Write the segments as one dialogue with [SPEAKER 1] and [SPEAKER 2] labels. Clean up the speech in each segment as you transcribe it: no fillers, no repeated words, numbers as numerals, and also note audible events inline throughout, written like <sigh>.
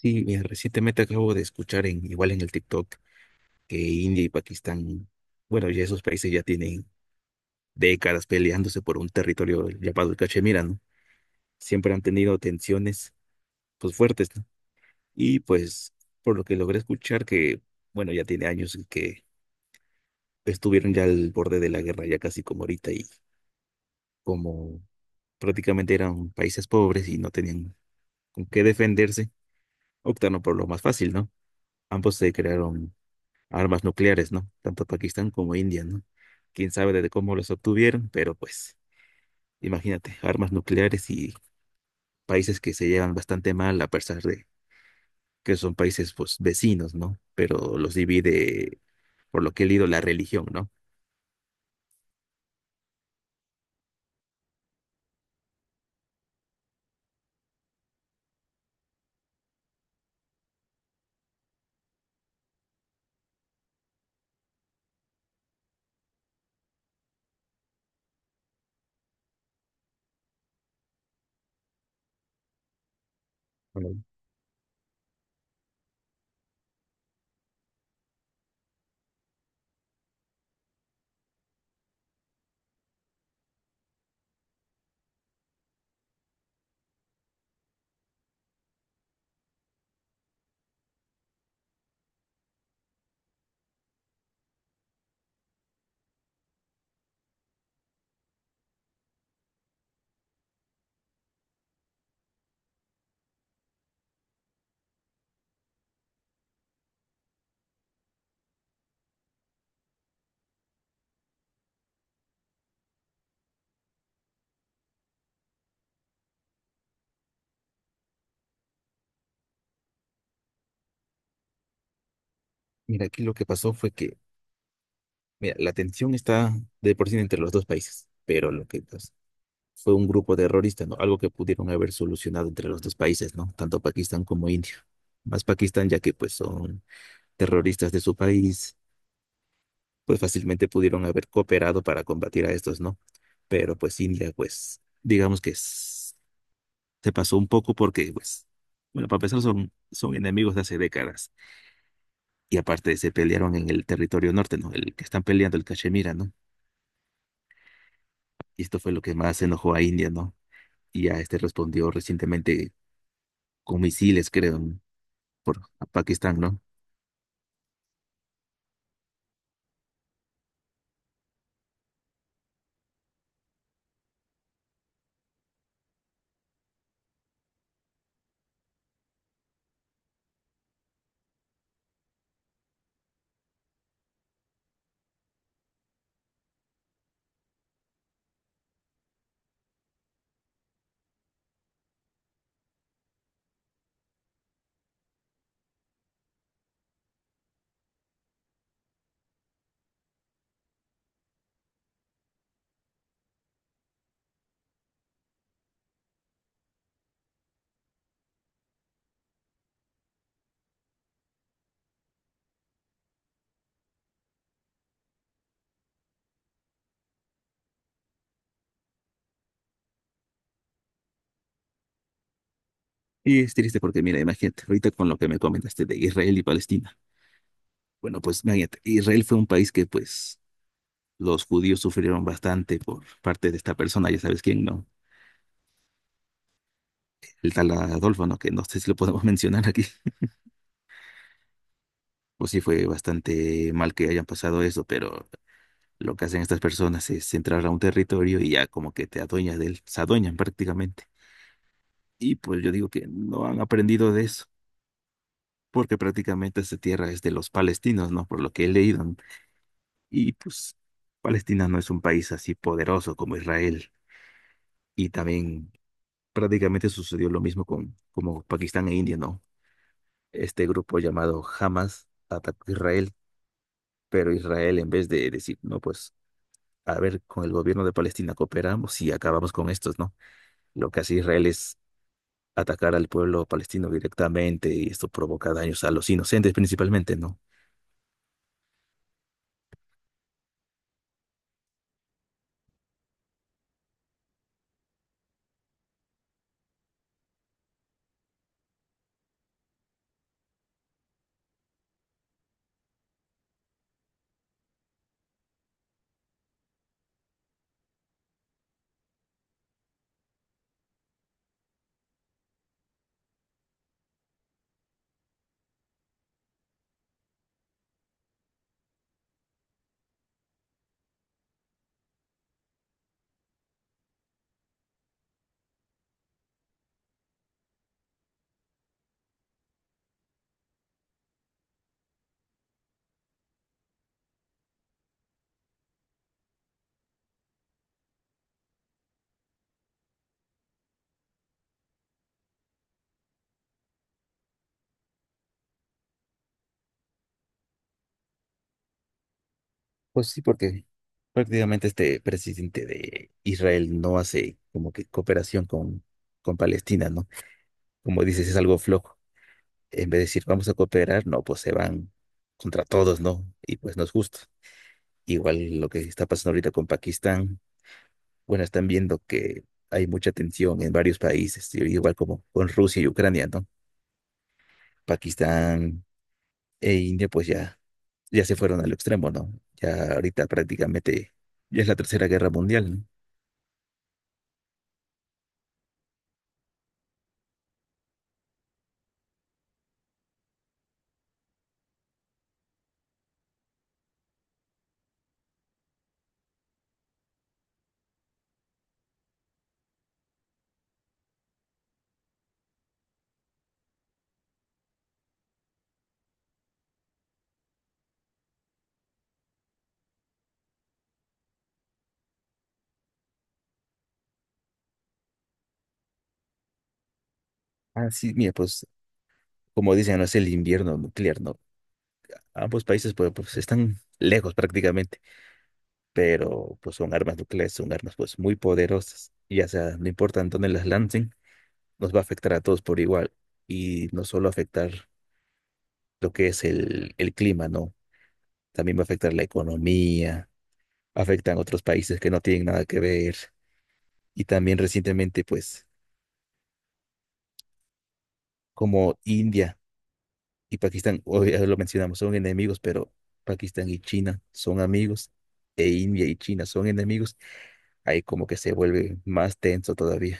[SPEAKER 1] Sí, recientemente acabo de escuchar en, igual en el TikTok que India y Pakistán, bueno, ya esos países ya tienen décadas peleándose por un territorio llamado el Cachemira, ¿no? Siempre han tenido tensiones, pues fuertes, ¿no? Y pues, por lo que logré escuchar que, bueno, ya tiene años que estuvieron ya al borde de la guerra, ya casi como ahorita, y como prácticamente eran países pobres y no tenían con qué defenderse, optaron por lo más fácil, ¿no? Ambos se crearon armas nucleares, ¿no? Tanto Pakistán como India, ¿no? Quién sabe desde cómo los obtuvieron, pero pues, imagínate, armas nucleares y países que se llevan bastante mal a pesar de que son países pues vecinos, ¿no? Pero los divide, por lo que he leído, la religión, ¿no? Bueno, mira, aquí lo que pasó fue que, mira, la tensión está de por sí entre los dos países, pero lo que pues, fue un grupo terrorista, ¿no? Algo que pudieron haber solucionado entre los dos países, ¿no? Tanto Pakistán como India. Más Pakistán, ya que pues son terroristas de su país, pues fácilmente pudieron haber cooperado para combatir a estos, ¿no? Pero pues India, pues digamos que se pasó un poco porque, pues, bueno, para empezar son enemigos de hace décadas y aparte se pelearon en el territorio norte, ¿no? El que están peleando, el Cachemira, ¿no? Y esto fue lo que más enojó a India, ¿no? Y a este respondió recientemente con misiles, creo, ¿no? Por a Pakistán, ¿no? Y es triste porque, mira, imagínate, ahorita con lo que me comentaste de Israel y Palestina. Bueno, pues imagínate, Israel fue un país que pues los judíos sufrieron bastante por parte de esta persona, ya sabes quién, ¿no? El tal Adolfo, ¿no? Que no sé si lo podemos <laughs> mencionar aquí. Pues sí, fue bastante mal que hayan pasado eso, pero lo que hacen estas personas es entrar a un territorio y ya como que te adueñas de él, se adueñan prácticamente. Y pues yo digo que no han aprendido de eso, porque prácticamente esta tierra es de los palestinos, ¿no? Por lo que he leído, ¿no? Y pues Palestina no es un país así poderoso como Israel. Y también prácticamente sucedió lo mismo con como Pakistán e India, ¿no? Este grupo llamado Hamas atacó a Israel, pero Israel en vez de decir, no, pues a ver, con el gobierno de Palestina cooperamos y acabamos con estos, ¿no? Lo que hace Israel es atacar al pueblo palestino directamente y esto provoca daños a los inocentes principalmente, ¿no? Pues sí, porque prácticamente este presidente de Israel no hace como que cooperación con Palestina, ¿no? Como dices, es algo flojo. En vez de decir, vamos a cooperar, no, pues se van contra todos, ¿no? Y pues no es justo. Igual lo que está pasando ahorita con Pakistán, bueno, están viendo que hay mucha tensión en varios países, y igual como con Rusia y Ucrania, ¿no? Pakistán e India, pues ya, ya se fueron al extremo, ¿no? Ya ahorita prácticamente ya es la Tercera Guerra Mundial, ¿no? Ah, sí, mira, pues como dicen, no es el invierno nuclear, ¿no? Ambos países pues, pues están lejos prácticamente, pero pues son armas nucleares, son armas pues muy poderosas, y ya sea, no importa en dónde las lancen, nos va a afectar a todos por igual y no solo afectar lo que es el clima, ¿no? También va a afectar la economía, afectan otros países que no tienen nada que ver y también recientemente, pues, como India y Pakistán, hoy ya lo mencionamos, son enemigos, pero Pakistán y China son amigos e India y China son enemigos, ahí como que se vuelve más tenso todavía.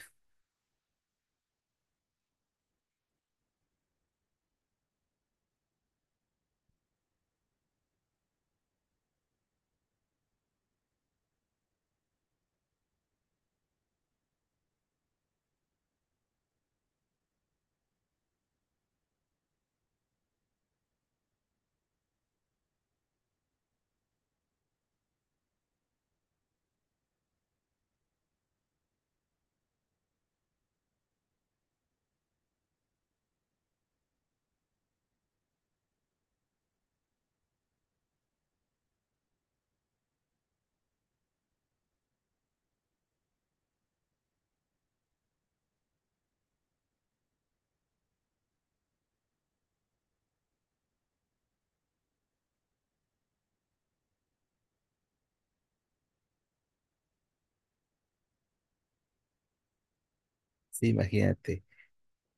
[SPEAKER 1] Sí, imagínate,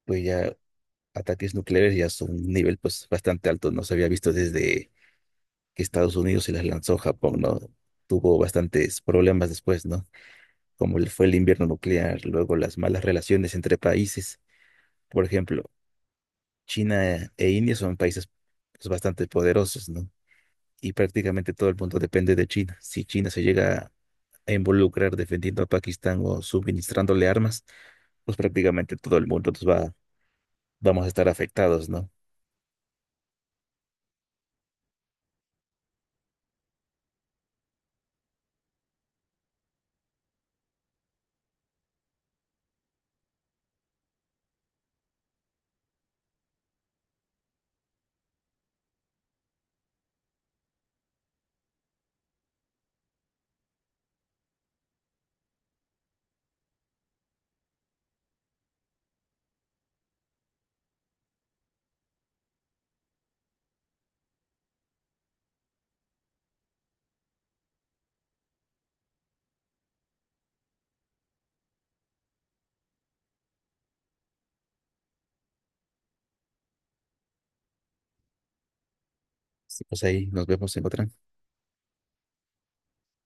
[SPEAKER 1] pues ya ataques nucleares ya son un nivel pues bastante alto, no se había visto desde que Estados Unidos se las lanzó a Japón, ¿no? Tuvo bastantes problemas después, ¿no? Como le fue el invierno nuclear, luego las malas relaciones entre países. Por ejemplo, China e India son países pues, bastante poderosos, ¿no? Y prácticamente todo el mundo depende de China. Si China se llega a involucrar defendiendo a Pakistán o suministrándole armas, pues prácticamente todo el mundo nos va, vamos a estar afectados, ¿no? Sí, pues ahí nos vemos en otra.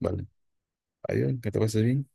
[SPEAKER 1] Vale. Adiós, que te pases bien.